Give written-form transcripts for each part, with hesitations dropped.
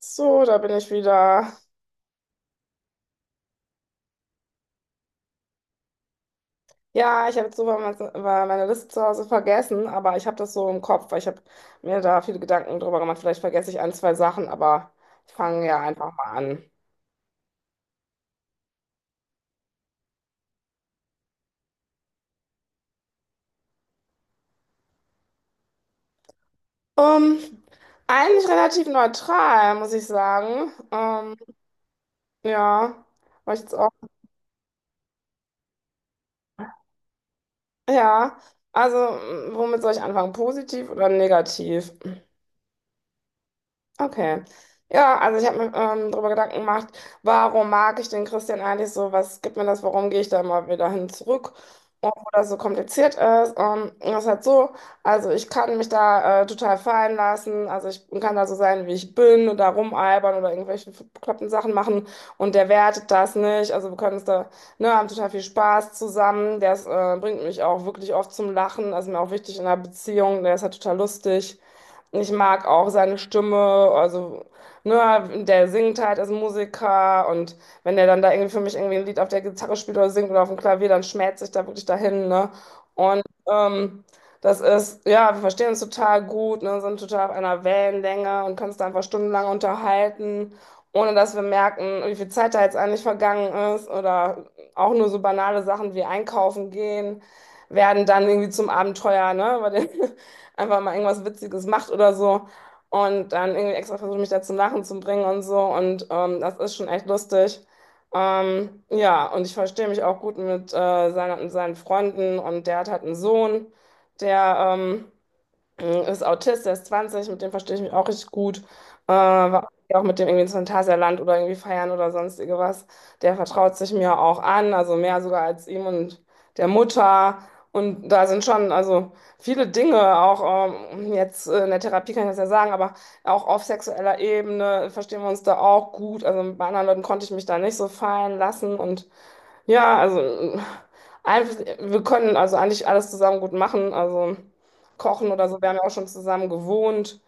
So, da bin ich wieder. Ja, ich habe jetzt sogar meine Liste zu Hause vergessen, aber ich habe das so im Kopf, weil ich habe mir da viele Gedanken drüber gemacht. Vielleicht vergesse ich ein, zwei Sachen, aber ich fange ja einfach mal an. Ähm, Eigentlich relativ neutral, muss ich sagen. Ja, weil ich jetzt auch. Ja, also, womit soll ich anfangen? Positiv oder negativ? Okay. Ja, also ich habe mir darüber Gedanken gemacht, warum mag ich den Christian eigentlich so? Was gibt mir das? Warum gehe ich da mal wieder hin zurück? Obwohl das so kompliziert ist. Und das ist halt so, also ich kann mich da total fallen lassen. Also ich kann da so sein, wie ich bin und da rumalbern oder irgendwelche bekloppten Sachen machen. Und der wertet das nicht. Also wir können uns da, ne, haben total viel Spaß zusammen. Der ist, bringt mich auch wirklich oft zum Lachen. Also mir auch wichtig in einer Beziehung. Der ist halt total lustig. Ich mag auch seine Stimme, also ne, der singt halt als Musiker und wenn der dann da irgendwie für mich irgendwie ein Lied auf der Gitarre spielt oder singt oder auf dem Klavier, dann schmerzt sich da wirklich dahin, ne? Und das ist, ja, wir verstehen uns total gut, ne, sind total auf einer Wellenlänge und können uns da einfach stundenlang unterhalten, ohne dass wir merken, wie viel Zeit da jetzt eigentlich vergangen ist oder auch nur so banale Sachen wie einkaufen gehen, werden dann irgendwie zum Abenteuer, ne? Bei den einfach mal irgendwas Witziges macht oder so. Und dann irgendwie extra versucht, mich da zum Lachen zu bringen und so. Und das ist schon echt lustig. Ja, und ich verstehe mich auch gut mit seinen Freunden. Und der hat halt einen Sohn, der ist Autist, der ist 20, mit dem verstehe ich mich auch richtig gut. War auch mit dem irgendwie ins Phantasialand oder irgendwie feiern oder sonstige was. Der vertraut sich mir auch an, also mehr sogar als ihm und der Mutter. Und da sind schon also viele Dinge, auch jetzt in der Therapie kann ich das ja sagen, aber auch auf sexueller Ebene verstehen wir uns da auch gut. Also bei anderen Leuten konnte ich mich da nicht so fallen lassen und ja, also einfach, wir können also eigentlich alles zusammen gut machen. Also kochen oder so, wir haben ja auch schon zusammen gewohnt.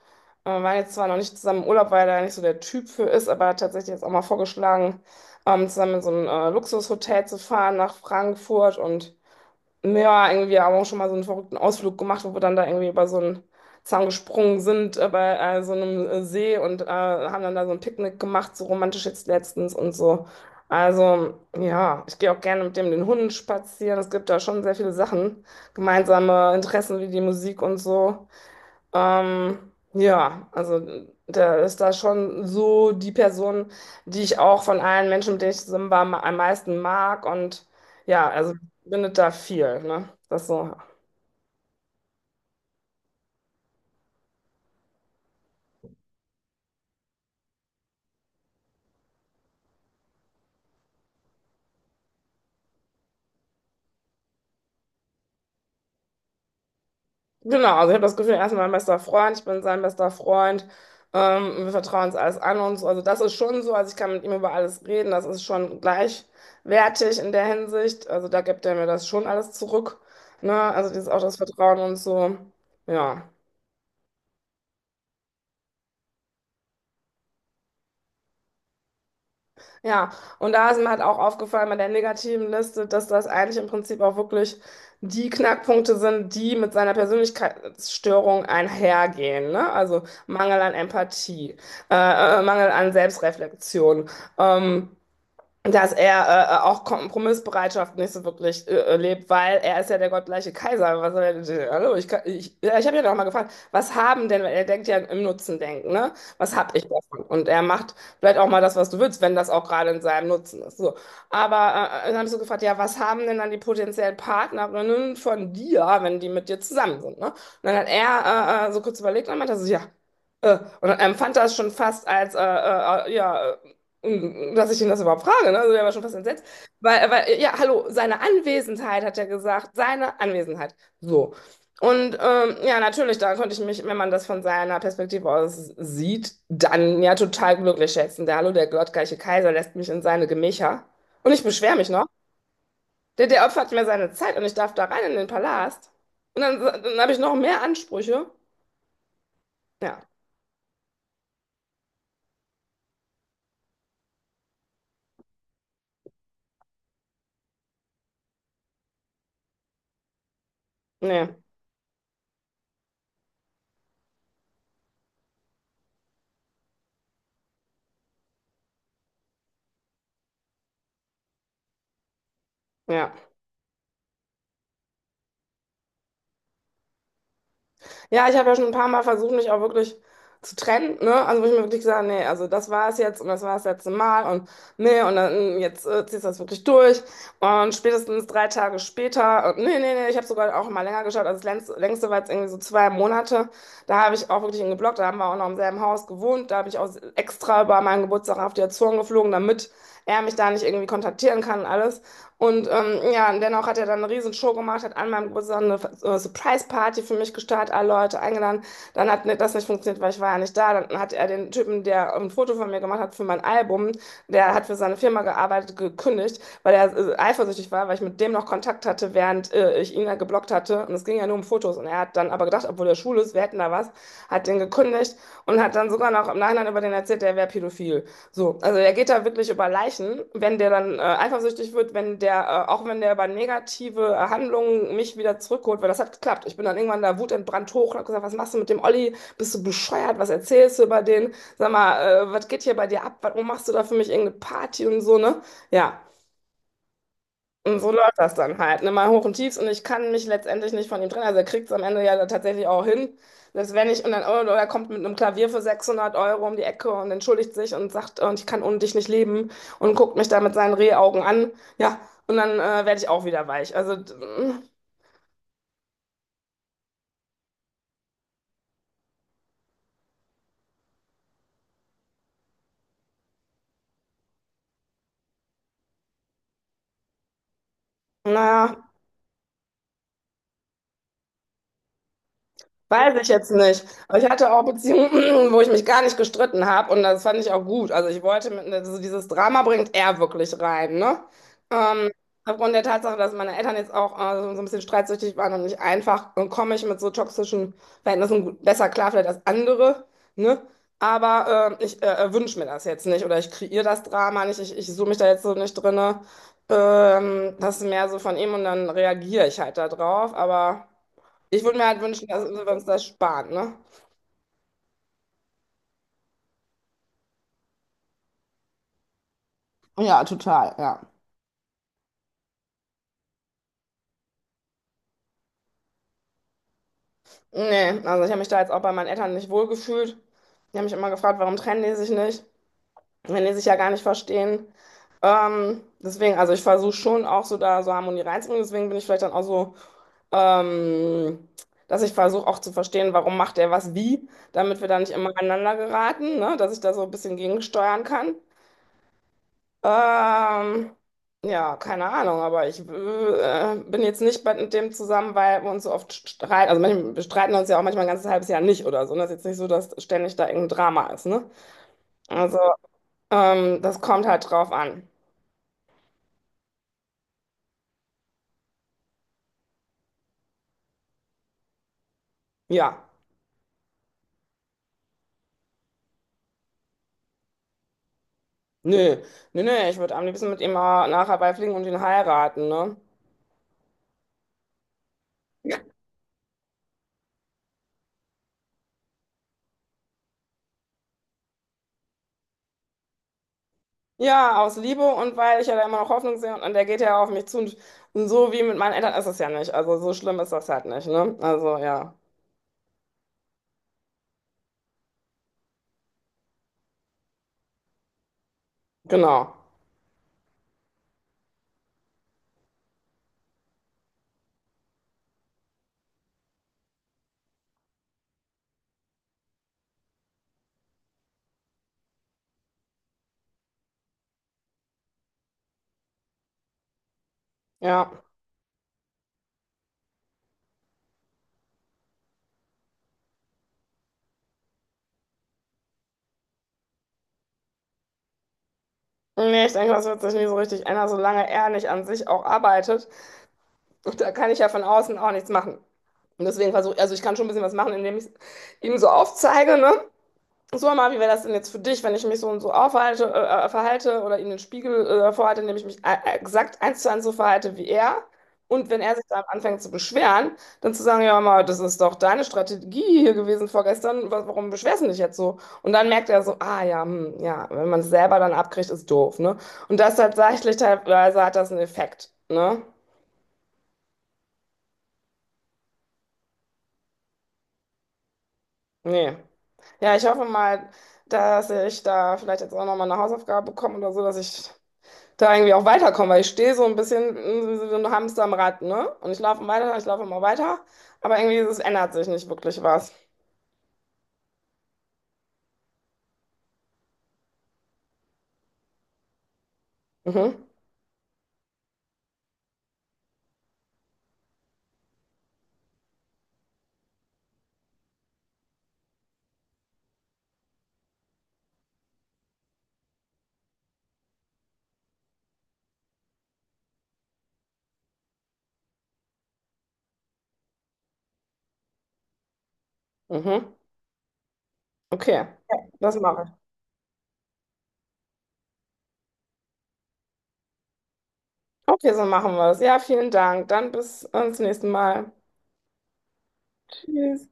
Waren jetzt zwar noch nicht zusammen im Urlaub, weil er nicht so der Typ für ist, aber tatsächlich jetzt auch mal vorgeschlagen, zusammen in so ein Luxushotel zu fahren nach Frankfurt und ja, irgendwie, wir haben auch schon mal so einen verrückten Ausflug gemacht, wo wir dann da irgendwie über so einen Zaun gesprungen sind, bei so einem See und haben dann da so ein Picknick gemacht, so romantisch jetzt letztens und so. Also, ja, ich gehe auch gerne mit dem den Hunden spazieren. Es gibt da schon sehr viele Sachen, gemeinsame Interessen wie die Musik und so. Ja, also da ist da schon so die Person, die ich auch von allen Menschen, mit denen ich zusammen war, am meisten mag. Und ja, also bindet da viel, ne? Das so. Genau, also ich habe das Gefühl, er ist mein bester Freund, ich bin sein bester Freund. Wir vertrauen uns alles an und so. Also das ist schon so, also ich kann mit ihm über alles reden, das ist schon gleichwertig in der Hinsicht. Also da gibt er mir das schon alles zurück, ne? Also dieses auch das Vertrauen und so. Ja. Ja, und da ist mir halt auch aufgefallen bei der negativen Liste, dass das eigentlich im Prinzip auch wirklich die Knackpunkte sind, die mit seiner Persönlichkeitsstörung einhergehen, ne? Also Mangel an Empathie, äh, Mangel an Selbstreflexion. Ähm, Dass er auch Kompromissbereitschaft nicht so wirklich lebt, weil er ist ja der gottgleiche Kaiser. Was soll er denn, hallo, ich, ja, ich habe ja noch mal gefragt, was haben denn, weil er denkt ja im Nutzen denken, ne? Was habe ich davon? Und er macht vielleicht auch mal das, was du willst, wenn das auch gerade in seinem Nutzen ist. So. Aber dann habe ich so gefragt, ja, was haben denn dann die potenziellen Partnerinnen von dir, wenn die mit dir zusammen sind, ne? Und dann hat er so kurz überlegt und meinte so, ja. Und fand das schon fast als ja, dass ich ihn das überhaupt frage, ne? Also der war schon fast entsetzt. Weil, ja, hallo, seine Anwesenheit, hat er gesagt, seine Anwesenheit. So. Und ja, natürlich, da konnte ich mich, wenn man das von seiner Perspektive aus sieht, dann ja total glücklich schätzen. Der Hallo, der gottgleiche Kaiser lässt mich in seine Gemächer. Und ich beschwere mich noch. Der opfert mir seine Zeit und ich darf da rein in den Palast. Dann habe ich noch mehr Ansprüche. Ja, nee, ja. Ja, ich habe ja schon ein paar Mal versucht, mich auch wirklich zu trennen, ne? Also wo ich mir wirklich gesagt habe, nee, also das war es jetzt und das war das letzte Mal und nee, und dann jetzt ziehst du das wirklich durch. Und spätestens drei Tage später, und nee, nee, nee, ich habe sogar auch mal länger geschaut, also das längste war jetzt irgendwie so zwei Monate. Da habe ich auch wirklich ihn geblockt, da haben wir auch noch im selben Haus gewohnt, da habe ich auch extra über meinen Geburtstag auf die Azoren geflogen, damit er mich da nicht irgendwie kontaktieren kann und alles. Und ja, und dennoch hat er dann eine riesen Show gemacht, hat an meinem Geburtstag eine Surprise-Party für mich gestartet, alle Leute eingeladen. Dann hat das nicht funktioniert, weil ich war ja nicht da. Dann hat er den Typen, der ein Foto von mir gemacht hat für mein Album, der hat für seine Firma gearbeitet, gekündigt, weil er eifersüchtig war, weil ich mit dem noch Kontakt hatte, während ich ihn ja geblockt hatte. Und es ging ja nur um Fotos. Und er hat dann aber gedacht, obwohl er schwul ist, wir hätten da was, hat den gekündigt und hat dann sogar noch im Nachhinein über den erzählt, der wäre pädophil. So, also er geht da wirklich über Leichen, wenn der dann eifersüchtig wird, wenn auch wenn der über negative Handlungen mich wieder zurückholt, weil das hat geklappt. Ich bin dann irgendwann da wutentbrannt hoch und hab gesagt, was machst du mit dem Olli? Bist du bescheuert? Was erzählst du über den? Sag mal, was geht hier bei dir ab? Warum machst du da für mich irgendeine Party und so, ne? Ja. Und so läuft das dann halt. Ne? Mal hoch und tiefs und ich kann mich letztendlich nicht von ihm trennen. Also er kriegt es am Ende ja dann tatsächlich auch hin. Das wenn ich und dann, oder er kommt mit einem Klavier für 600 € um die Ecke und entschuldigt sich und sagt, und ich kann ohne dich nicht leben und guckt mich da mit seinen Rehaugen an. Ja, und dann werde ich auch wieder weich. Also, naja, weiß ich jetzt nicht. Aber ich hatte auch Beziehungen, wo ich mich gar nicht gestritten habe und das fand ich auch gut. Also ich wollte mit, also dieses Drama bringt er wirklich rein, ne? Ähm, Aufgrund der Tatsache, dass meine Eltern jetzt auch so ein bisschen streitsüchtig waren und nicht einfach, komme ich mit so toxischen Verhältnissen besser klar vielleicht als andere, ne? Aber ich wünsche mir das jetzt nicht oder ich kreiere das Drama nicht, ich suche mich da jetzt so nicht drinne. Das ist mehr so von ihm und dann reagiere ich halt da drauf, aber. Ich würde mir halt wünschen, dass wir uns das sparen, ne? Ja, total, ja. Nee, also ich habe mich da jetzt auch bei meinen Eltern nicht wohlgefühlt. Die haben mich immer gefragt, warum trennen die sich nicht, wenn die sich ja gar nicht verstehen. Deswegen, also ich versuche schon auch so da so Harmonie reinzubringen. Deswegen bin ich vielleicht dann auch so, ähm, dass ich versuche auch zu verstehen, warum macht der was wie, damit wir da nicht immer aneinander geraten, ne? Dass ich da so ein bisschen gegensteuern kann. Ähm, ja, keine Ahnung, aber ich bin jetzt nicht bei dem zusammen, weil wir uns so oft streiten. Also manchmal, wir streiten uns ja auch manchmal ein ganzes halbes Jahr nicht oder so. Und das ist jetzt nicht so, dass ständig da irgendein Drama ist, ne? Also, das kommt halt drauf an. Ja. Nö, nö, nö, ich würde am liebsten mit ihm mal nachher Hawaii fliegen und ihn heiraten, ne? Ja, aus Liebe und weil ich ja da immer noch Hoffnung sehe und der geht ja auf mich zu und so wie mit meinen Eltern ist es ja nicht. Also so schlimm ist das halt nicht, ne? Also ja, genau. Ja. Nee, ich denke, das wird sich nie so richtig ändern, solange er nicht an sich auch arbeitet. Und da kann ich ja von außen auch nichts machen. Und deswegen versuche, also ich kann schon ein bisschen was machen, indem ich ihm so aufzeige, ne? So, Marvin, wie wäre das denn jetzt für dich, wenn ich mich so und so aufhalte, verhalte oder ihm den Spiegel vorhalte, indem ich mich exakt 1:1 so verhalte wie er? Und wenn er sich dann anfängt zu beschweren, dann zu sagen, ja, mal, das ist doch deine Strategie hier gewesen vorgestern, warum beschwerst du dich jetzt so? Und dann merkt er so, ah ja, hm, ja, wenn man es selber dann abkriegt, ist doof, ne? Und das tatsächlich teilweise hat das einen Effekt, ne? Nee. Ja, ich hoffe mal, dass ich da vielleicht jetzt auch nochmal eine Hausaufgabe bekomme oder so, dass ich da irgendwie auch weiterkommen, weil ich stehe so ein bisschen wie so ein Hamster am Rad, ne? Und ich laufe weiter, ich laufe immer weiter, aber irgendwie es ändert sich nicht wirklich was. Mhm, mhm, okay, ja, das mache ich. Okay, so machen wir das. Ja, vielen Dank. Dann bis zum nächsten Mal. Tschüss.